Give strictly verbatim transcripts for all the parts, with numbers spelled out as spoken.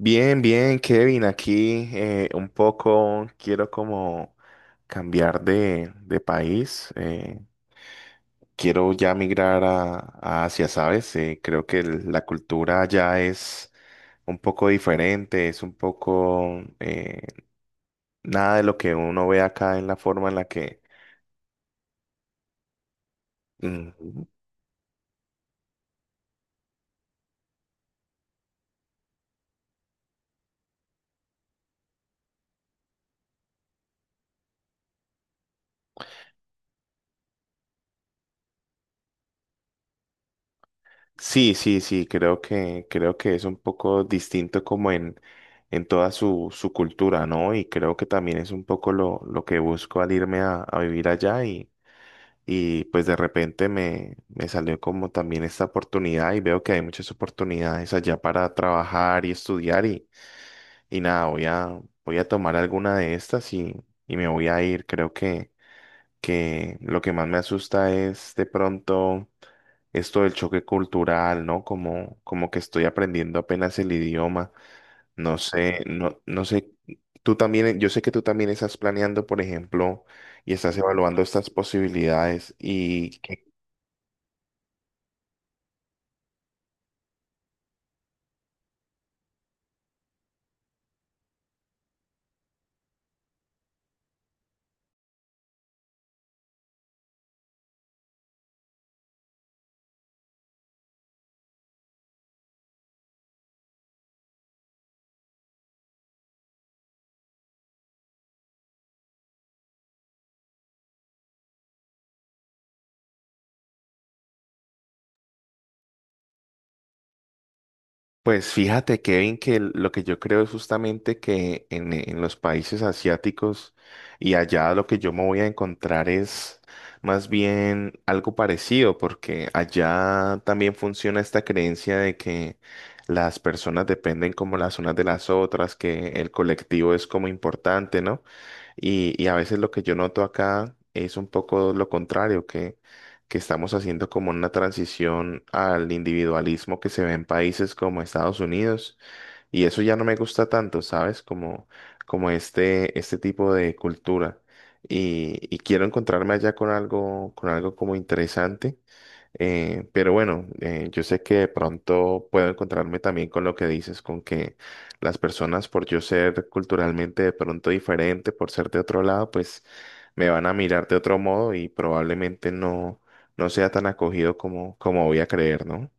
Bien, bien, Kevin, aquí eh, un poco quiero como cambiar de, de país. Eh, quiero ya migrar a, a Asia, ¿sabes? Eh, creo que el- la cultura ya es un poco diferente, es un poco eh, nada de lo que uno ve acá en la forma en la que. Mm, sí, sí, sí, creo que, creo que es un poco distinto como en, en toda su, su cultura, ¿no? Y creo que también es un poco lo, lo que busco al irme a, a vivir allá y, y pues de repente me, me salió como también esta oportunidad y veo que hay muchas oportunidades allá para trabajar y estudiar y, y nada, voy a, voy a tomar alguna de estas y, y me voy a ir. Creo que que lo que más me asusta es de pronto esto del choque cultural, ¿no? Como, como que estoy aprendiendo apenas el idioma. No sé, no, no sé, tú también, yo sé que tú también estás planeando, por ejemplo, y estás evaluando estas posibilidades y. Pues fíjate, Kevin, que el- lo que yo creo es justamente que en, en los países asiáticos y allá lo que yo me voy a encontrar es más bien algo parecido, porque allá también funciona esta creencia de que las personas dependen como las unas de las otras, que el colectivo es como importante, ¿no? Y, y a veces lo que yo noto acá es un poco lo contrario, que, que estamos haciendo como una transición al individualismo que se ve en países como Estados Unidos. Y eso ya no me gusta tanto, ¿sabes? Como, como este, este tipo de cultura. Y, y quiero encontrarme allá con algo, con algo como interesante eh, pero bueno, eh, yo sé que de pronto puedo encontrarme también con lo que dices, con que las personas, por yo ser culturalmente de pronto diferente, por ser de otro lado, pues me van a mirar de otro modo y probablemente no, no sea tan acogido como, como voy a creer, ¿no?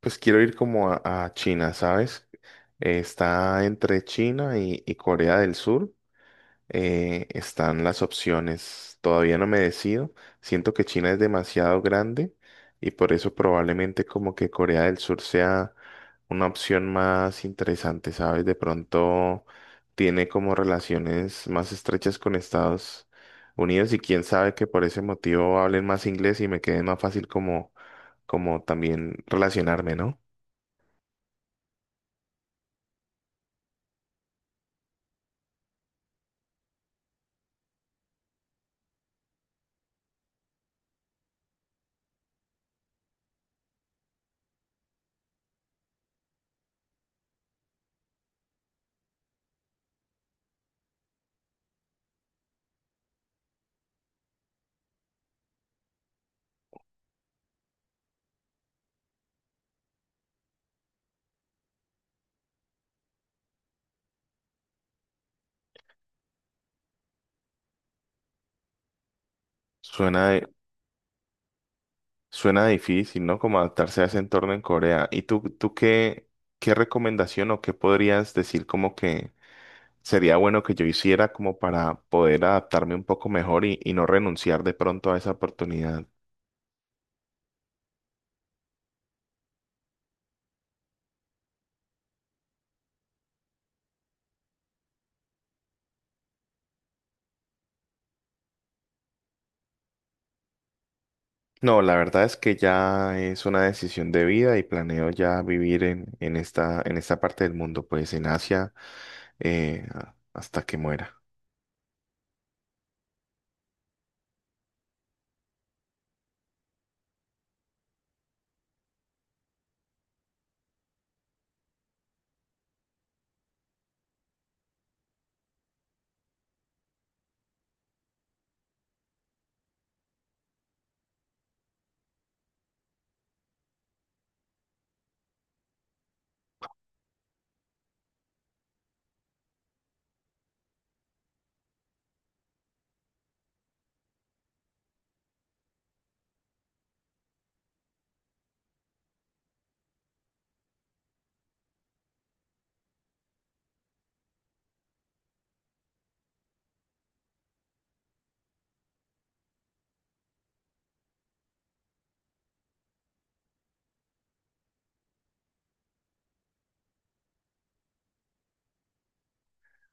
Pues quiero ir como a, a China, ¿sabes? Eh, Está entre China y, y Corea del Sur. Eh, están las opciones. Todavía no me decido. Siento que China es demasiado grande y por eso probablemente como que Corea del Sur sea una opción más interesante, ¿sabes? De pronto tiene como relaciones más estrechas con Estados Unidos y quién sabe que por ese motivo hablen más inglés y me quede más fácil como, como también relacionarme, ¿no? Suena Suena difícil, ¿no? Como adaptarse a ese entorno en Corea. ¿Y tú, tú qué, qué recomendación o qué podrías decir como que sería bueno que yo hiciera como para poder adaptarme un poco mejor y, y no renunciar de pronto a esa oportunidad? No, la verdad es que ya es una decisión de vida y planeo ya vivir en, en esta, en esta parte del mundo, pues en Asia, eh, hasta que muera.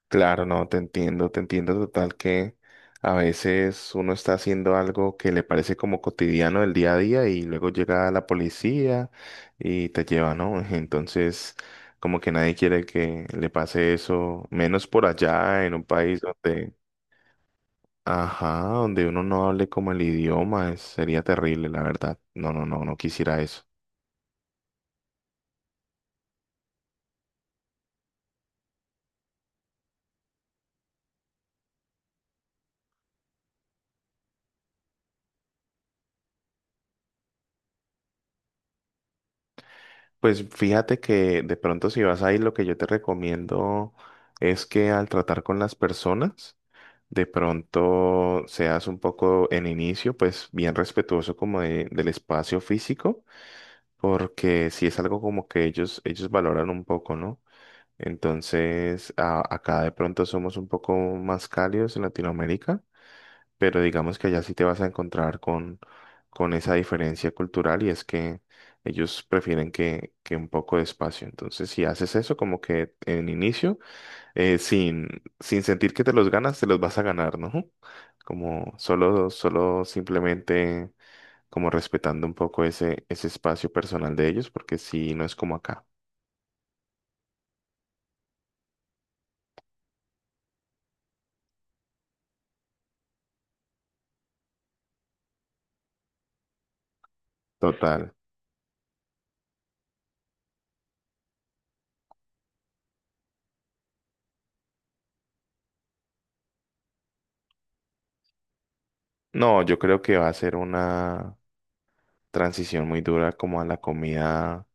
Claro, no, te entiendo, te entiendo total que a veces uno está haciendo algo que le parece como cotidiano del día a día y luego llega la policía y te lleva, ¿no? Entonces, como que nadie quiere que le pase eso, menos por allá en un país donde, ajá, donde uno no hable como el idioma, es- sería terrible, la verdad. No, no, no, no quisiera eso. Pues fíjate que de pronto si vas a ir, lo que yo te recomiendo es que al tratar con las personas, de pronto seas un poco en inicio, pues bien respetuoso como de- del espacio físico, porque si es algo como que ellos, ellos valoran un poco, ¿no? Entonces, a- acá de pronto somos un poco más cálidos en Latinoamérica, pero digamos que allá sí te vas a encontrar con, con esa diferencia cultural y es que ellos prefieren que, que un poco de espacio. Entonces, si haces eso como que en inicio, eh, sin, sin sentir que te los ganas, te los vas a ganar, ¿no? Como solo, solo simplemente como respetando un poco ese, ese espacio personal de ellos, porque si no es como acá. Total. No, yo creo que va a ser una transición muy dura como a la comida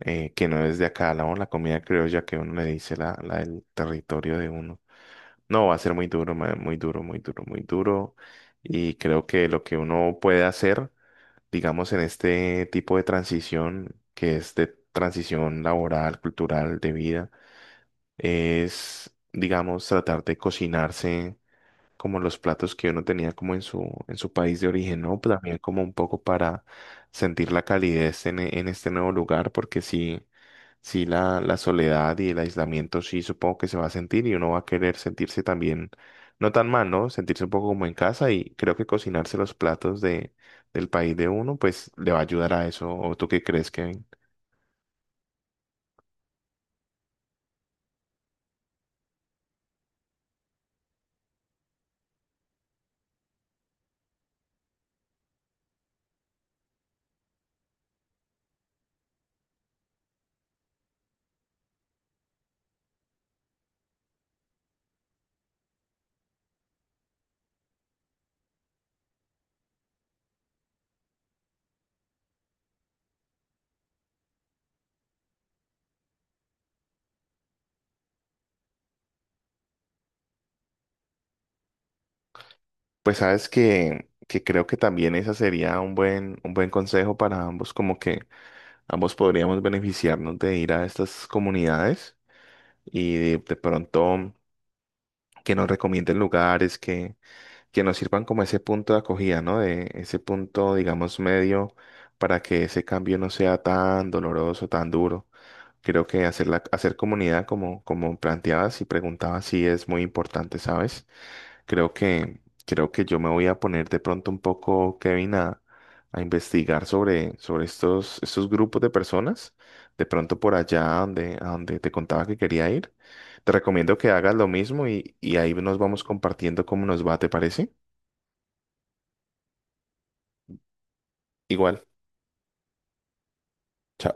eh, que no es de acá, la, la comida criolla que uno le dice, la, la del territorio de uno. No, va a ser muy duro, ma- muy duro, muy duro, muy duro. Y creo que lo que uno puede hacer digamos, en este tipo de transición, que es de transición laboral, cultural, de vida, es, digamos, tratar de cocinarse como los platos que uno tenía como en su, en su país de origen, ¿no? Pero también como un poco para sentir la calidez en, e- en este nuevo lugar, porque sí, sí la, la soledad y el aislamiento sí supongo que se va a sentir y uno va a querer sentirse también, no tan mal, ¿no? Sentirse un poco como en casa y creo que cocinarse los platos de, del país de uno, pues le va a ayudar a eso. ¿O tú qué crees, Kevin? Pues sabes que, que creo que también esa sería un buen, un buen consejo para ambos, como que ambos podríamos beneficiarnos de ir a estas comunidades y de, de pronto que nos recomienden lugares que, que nos sirvan como ese punto de acogida, ¿no? De ese punto, digamos, medio para que ese cambio no sea tan doloroso, tan duro. Creo que hacer la, hacer comunidad como, como planteabas y preguntabas sí es muy importante, ¿sabes? Creo que, creo que yo me voy a poner de pronto un poco, Kevin, a, a investigar sobre, sobre estos, estos grupos de personas. De pronto por allá donde, a donde te contaba que quería ir. Te recomiendo que hagas lo mismo y, y ahí nos vamos compartiendo cómo nos va, ¿te parece? Igual. Chao.